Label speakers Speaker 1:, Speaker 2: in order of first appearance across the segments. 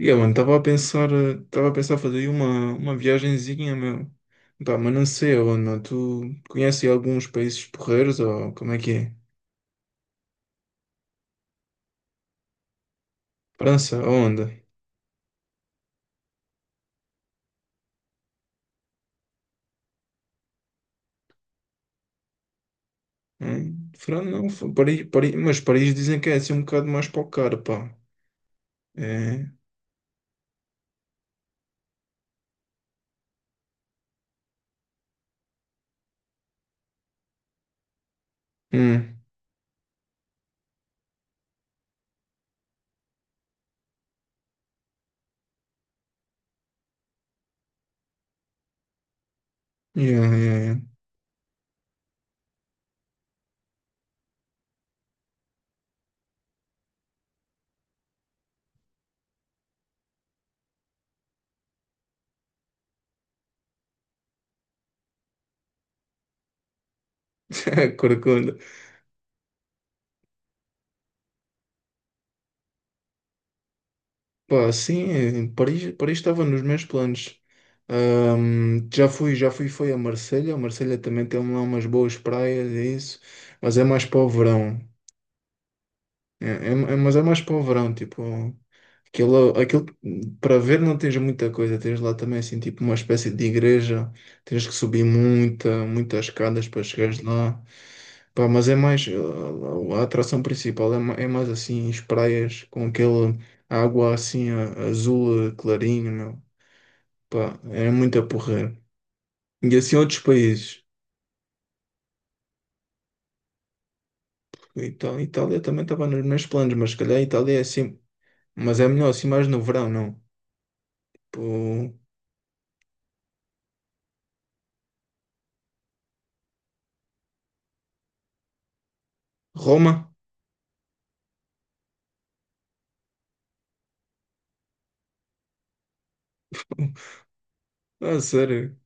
Speaker 1: Yeah, mano, estava a pensar, estava a pensar fazer aí uma viagenzinha, meu. Pá, mas não sei aonde, meu. Tu conheces alguns países porreiros ou como é que é? França, aonde? Hum? França, não, Paris, Paris, mas Paris dizem que é assim um bocado mais para o cara, pá. É. Hum. Yeah, yeah, yeah. Corcunda. Pá, sim, é, Paris, Paris estava nos meus planos. Já fui, foi a Marselha. A Marselha também tem lá umas boas praias, é isso. Mas é mais para o verão. Mas é mais povrão, tipo, aquilo para ver não tens muita coisa, tens lá também assim, tipo, uma espécie de igreja, tens que subir muitas escadas para chegares lá. Pá, mas é mais, a atração principal é, é mais assim, as praias com aquele água assim azul clarinho, meu. Pá, é muito a porrer. E assim outros países. Itália também estava nos meus planos, mas se calhar a Itália é assim, mas é melhor assim mais no verão, não? Roma? Ah, sério?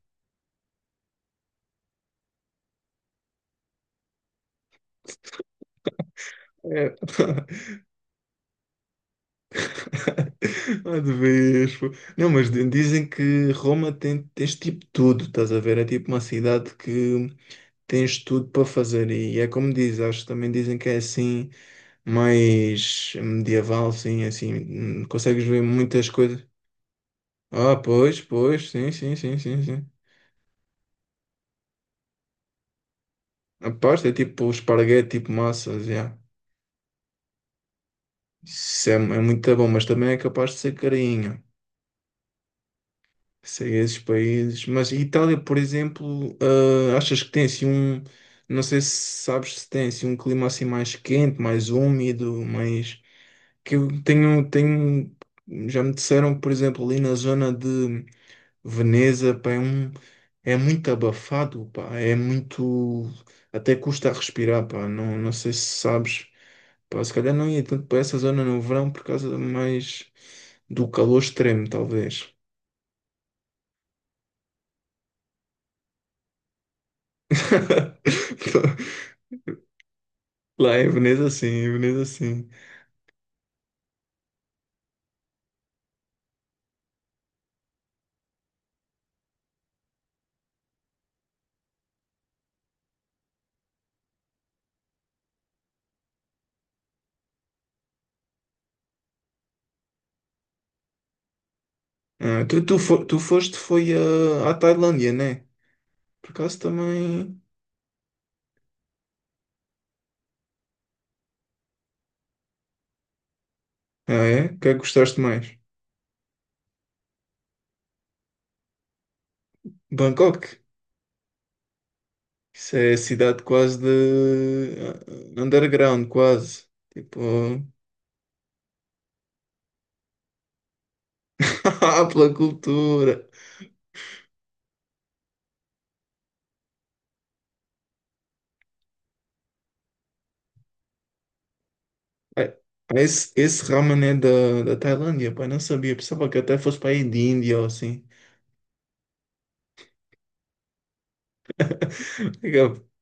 Speaker 1: É. Ah, de vez. Pô. Não, mas dizem que Roma tem, tens tipo tudo, estás a ver? É tipo uma cidade que tens tudo para fazer e é como diz, acho que também dizem que é assim, mais medieval, sim, assim, consegues ver muitas coisas. Ah, pois, pois, sim, sim, sim, sim, sim. A pasta é tipo esparguete, tipo massas, já. Isso é, é muito bom, mas também é capaz de ser carinho. Sei esses países, mas Itália, por exemplo, ah, achas que tem assim um, não sei se sabes se tem assim um clima assim mais quente, mais úmido, mais que eu tenho, tenho, já me disseram, por exemplo, ali na zona de Veneza, pá, é um, é muito abafado, pá, é muito, até custa a respirar, pá, não, não sei se sabes, pá, se calhar não ia tanto para essa zona no verão por causa mais do calor extremo, talvez. Lá em Veneza, sim, em Veneza, sim. Ah, tu foste foi ah, à Tailândia, né? Por acaso também. Ah, é? O que é que gostaste mais? Bangkok. Isso é cidade quase de ah, underground, quase. Tipo, ah, pela cultura. Ah, esse ramen é da Tailândia, pai, não sabia. Pensava que até fosse para aí de Índia ou assim.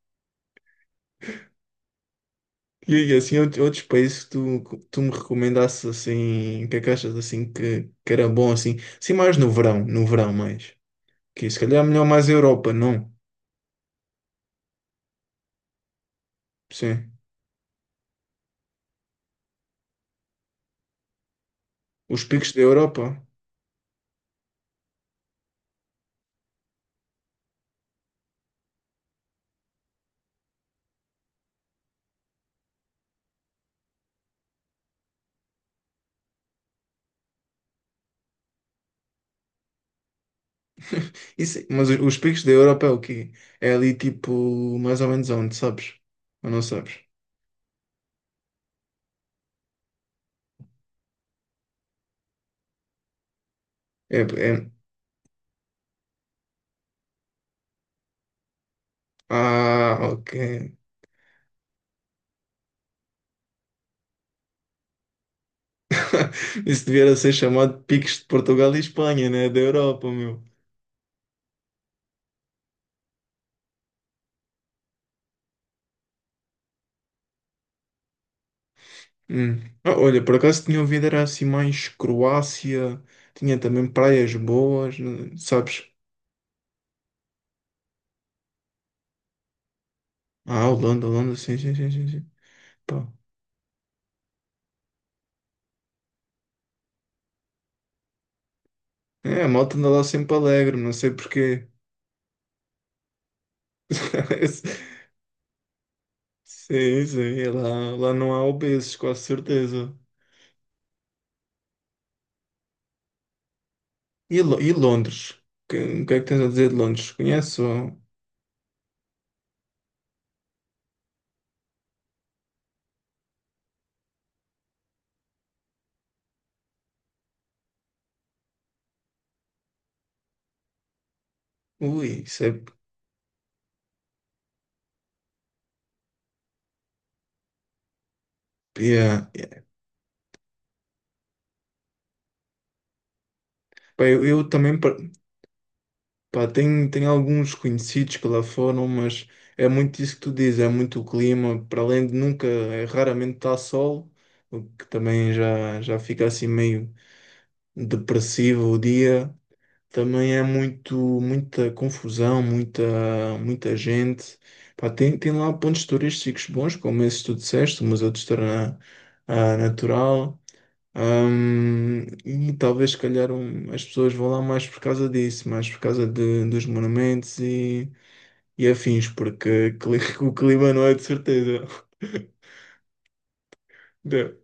Speaker 1: E assim, outros países que tu, tu me recomendasses assim, que é que achas assim que era bom assim? Sim, mais no verão, no verão mais. Que se calhar é melhor mais a Europa, não? Sim. Os picos da Europa. Isso, mas os picos da Europa é o quê? É ali tipo, mais ou menos onde, sabes? Ou não sabes? É, é... Ah, ok. Isso devia ser chamado picos de Portugal e Espanha, né? Da Europa, meu. Hum. Ah, olha, por acaso tinha ouvido, era assim mais Croácia, tinha também praias boas, né, sabes? Ah, Holanda, Holanda, sim, sim, sim, sim, sim. Pá. É, a malta anda lá sempre alegre, não sei porquê. Sim, sim, é lá, lá não há obesos, com certeza. E, e Londres? O que é que tens a dizer de Londres? Conheço? Ui, isso é... Yeah, yeah. Pá, eu também. Pá, tem, tem alguns conhecidos que lá foram, mas é muito isso que tu dizes, é muito o clima, para além de nunca, é, raramente está sol, o que também já fica assim meio depressivo o dia, também é muito, muita confusão, muita, muita gente. Pá, tem, tem lá pontos turísticos bons, como esses que tu disseste, o Museu de História ah, Natural. E talvez, se calhar, as pessoas vão lá mais por causa disso, mais por causa dos monumentos e afins, porque o clima não é de certeza. De-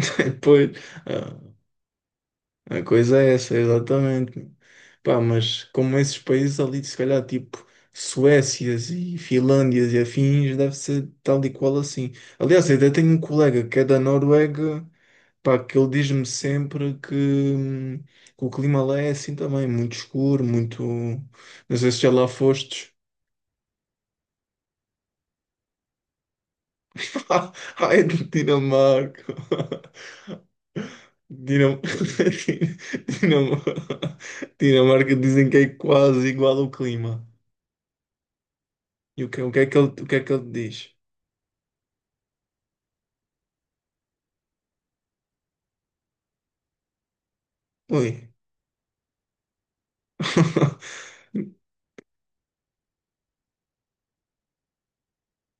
Speaker 1: Depois, ah, a coisa é essa, exatamente. Pá, mas como esses países ali, se calhar, tipo Suécias e Finlândias e afins, deve ser tal e qual assim. Aliás, eu até tenho um colega que é da Noruega. Pá, que ele diz-me sempre que o clima lá é assim também, muito escuro, muito. Não sei se já lá fostes. Ai, Dinamarca! Dinam... Dinam... Dinamarca dizem que é quase igual ao clima. E o que é que ele, o que é que ele diz? Ui.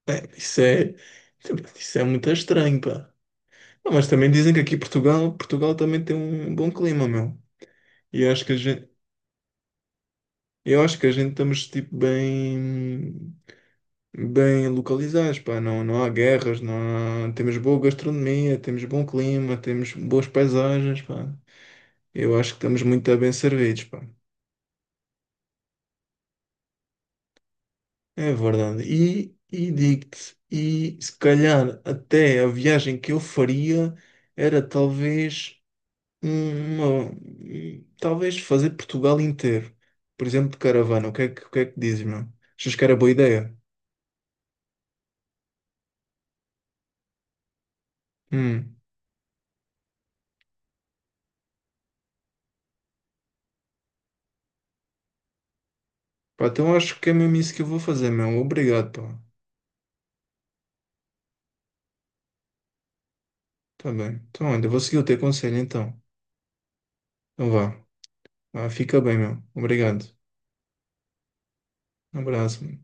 Speaker 1: É, isso é muito estranho, pá. Não, mas também dizem que aqui Portugal, Portugal também tem um bom clima, meu. E acho que Eu acho que a gente estamos tipo bem bem localizados, pá, não, não há guerras, não há- temos boa gastronomia, temos bom clima, temos boas paisagens, pá. Eu acho que estamos muito bem servidos, pá. É verdade. E digo-te, e se calhar até a viagem que eu faria era talvez uma, talvez fazer Portugal inteiro. Por exemplo, de caravana. O que é que dizes, meu? Achas que era boa ideia? Hum. Pá, então eu acho que é mesmo isso que eu vou fazer, meu. Obrigado, pá. Tá bem. Então, olha, eu vou seguir o teu conselho, então. Então vá. Vá, fica bem, meu. Obrigado. Um abraço, meu.